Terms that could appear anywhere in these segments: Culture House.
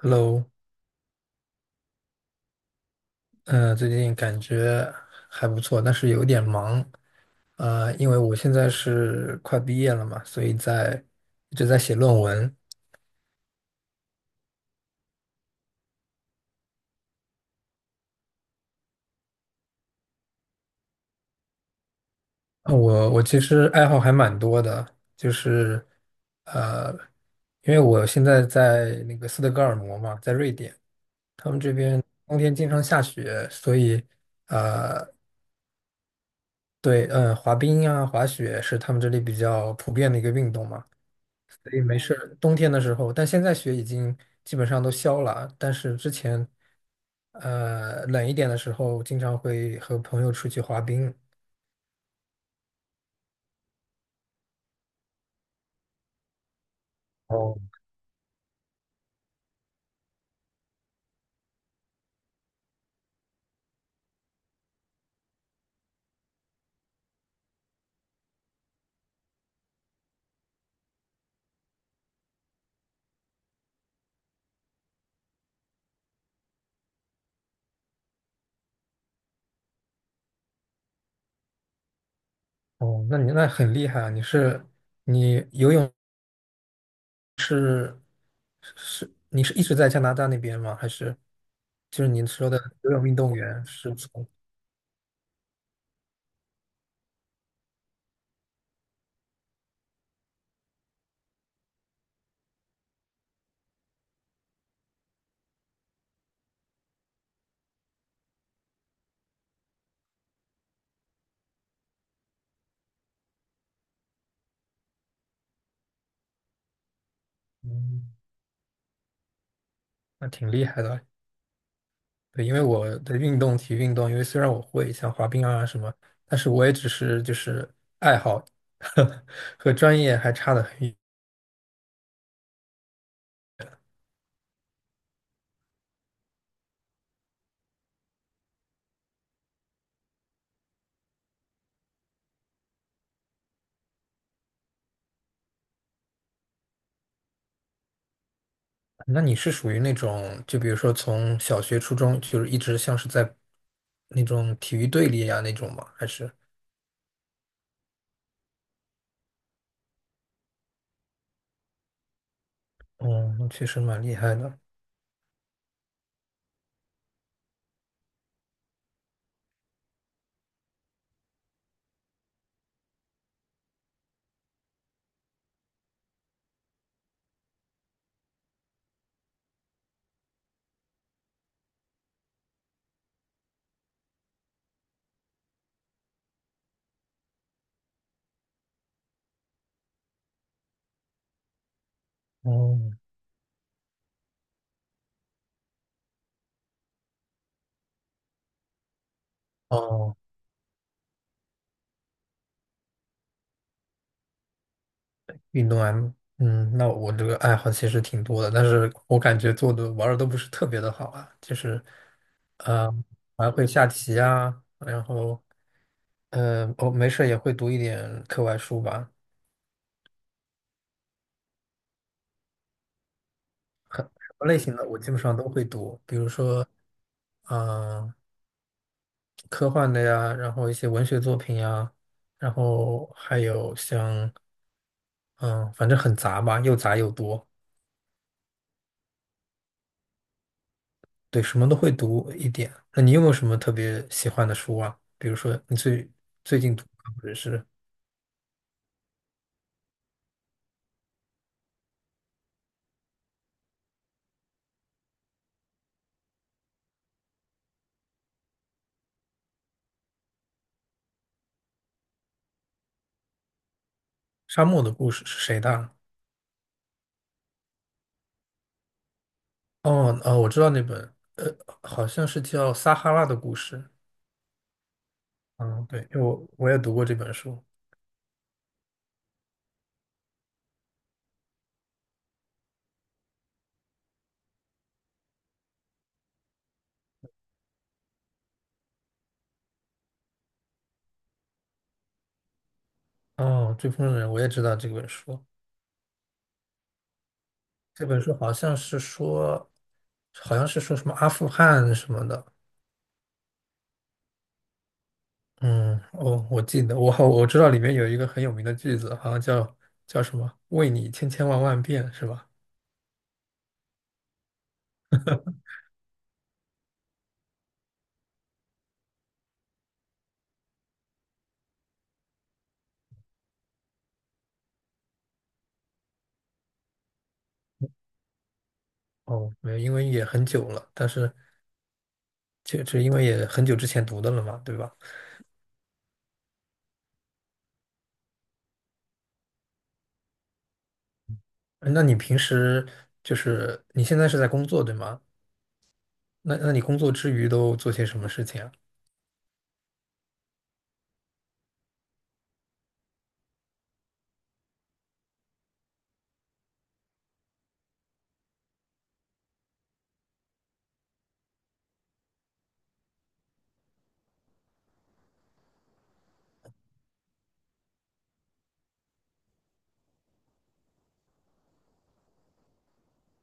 Hello，最近感觉还不错，但是有点忙因为我现在是快毕业了嘛，所以一直在写论文。我其实爱好还蛮多的，就是呃，因为我现在在那个斯德哥尔摩嘛，在瑞典，他们这冬天经常下雪，所以呃，对，滑冰啊、滑雪是他们这里比较普遍的一个运动嘛。所以没事儿。冬天的时候，但现在雪已经基本上都消了，但是之前冷一点的时候，经常会和朋友出去滑冰。哦，哦，那你很厉害啊！你是你游泳是你是一直在加拿大那边吗？还是就是您说的游泳运动员是从？嗯，那挺厉害的。对，因为我的运动、体育运动，因为虽然我会像滑冰啊什么，但是我也只是就是爱好，和专业还差得很远。那你是属于那种，就比如说从小学、初中，就是一直像是在那种体育队里啊那种吗？还是？嗯，那确实蛮厉害的。哦哦，运动 M，嗯，那我这个爱好其实挺多的，但是我感觉做的玩的都不是特别的好啊，就是。呃，还会下棋啊，然后，我没事儿也会读一点课外书吧，什么类型的我基本上都会读，比如说，嗯、科幻的呀，然后一些文学作品呀，然后还有像，嗯、反正很杂吧，又杂又多，对，什么都会读一点。那你有没有什么特别喜欢的书啊？比如说你最近读的，或者是《沙漠的故事》是谁的啊？哦，哦，我知道那本，好像是叫《撒哈拉的故事》。嗯，对，因为我也读过这本书。哦，《追风筝的人》，我也知道这本书。这本书好像是说什么阿富汗什么的。嗯，哦，我记得，我知道里面有一个很有名的句子，好像叫什么"为你千千万万遍"，是吧？哦，没有，因为也很久了，但是就因为也很久之前读的了嘛，对吧？哎那你平时就是你现在是在工作，对吗？那你工作之余都做些什么事情啊？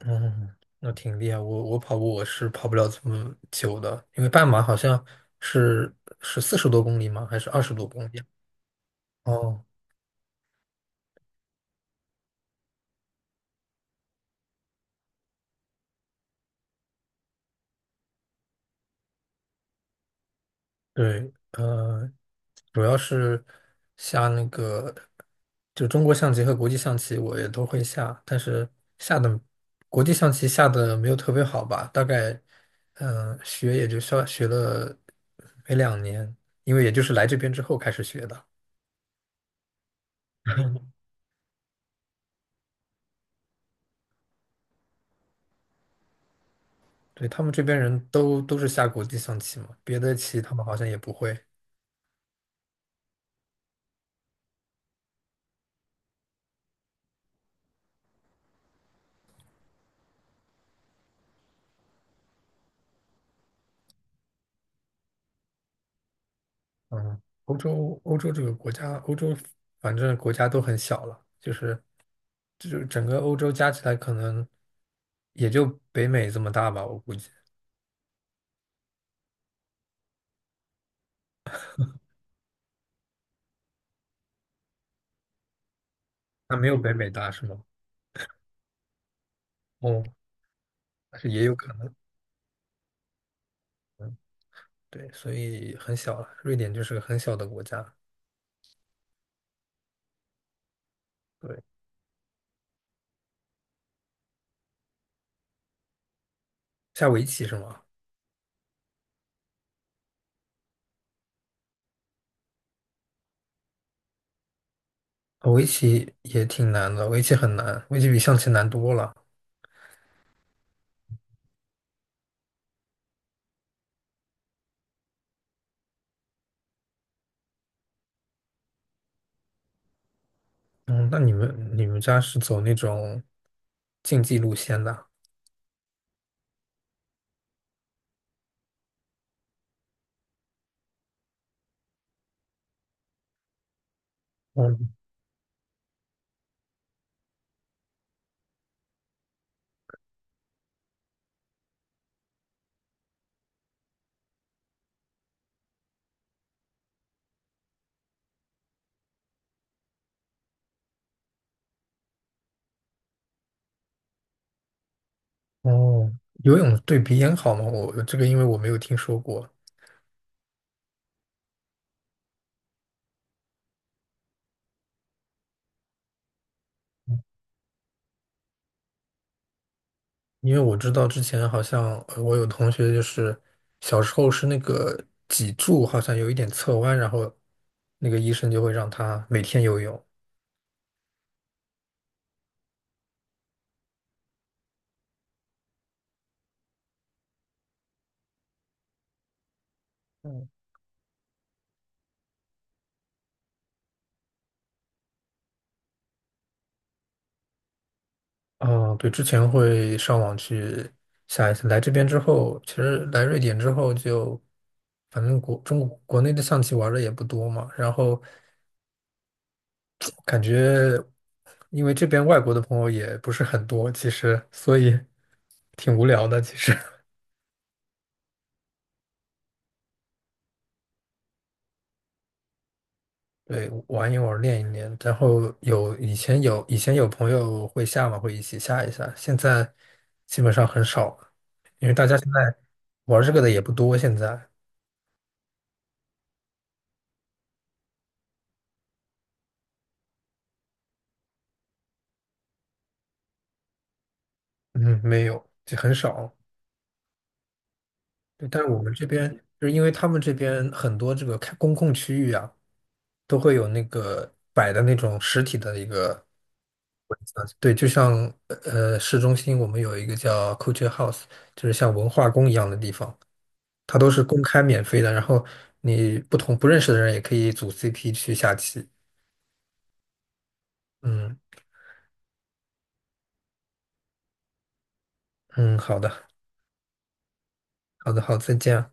嗯，那挺厉害。我跑步我是跑不了这么久的，因为半马好像是是四十多公里吗？还是二十多公里啊？哦，对，主要是下那个就中国象棋和国际象棋我也都会下，但是下的国际象棋下的没有特别好吧，大概学也就学学了没两年，因为也就是来这边之后开始学的。对，他们这边人都是下国际象棋嘛，别的棋他们好像也不会。嗯，欧洲这个国家，欧洲反正国家都很小了，就是整个欧洲加起来可能也就北美这么大吧，我估计。那没有北美大是吗？哦，但是也有可能。嗯，对，所以很小了。瑞典就是个很小的国家。对，下围棋是吗？哦围棋也挺难的，围棋很难，围棋比象棋难多了。嗯，那你们家是走那种竞技路线的啊？嗯，哦，游泳对鼻炎好吗？我这个因为我没有听说过，因为我知道之前好像我有同学就是小时候是那个脊柱好像有一点侧弯，然后那个医生就会让他每天游泳。嗯，哦，对，之前会上网去下一次。来这边之后，其实来瑞典之后就，反正国中国国内的象棋玩的也不多嘛，然后。感觉因为这边外国的朋友也不是很多，其实所以 挺无聊的。其实 对，玩一玩，练一练。然后有以前有以前有朋友会下嘛，会一起下一下。现在基本上很少了，因为大家现在玩这个的也不多。现在嗯，没有，就很少。对，但是我们这边就是因为他们这边很多这个开公共区域啊。都会有那个摆的那种实体的一个对，就像市中心我们有一个叫 Culture House，就是像文化宫一样的地方，它都是公开免费的，然后你不认识的人也可以组 CP 去下棋。嗯嗯，好的好的好，再见啊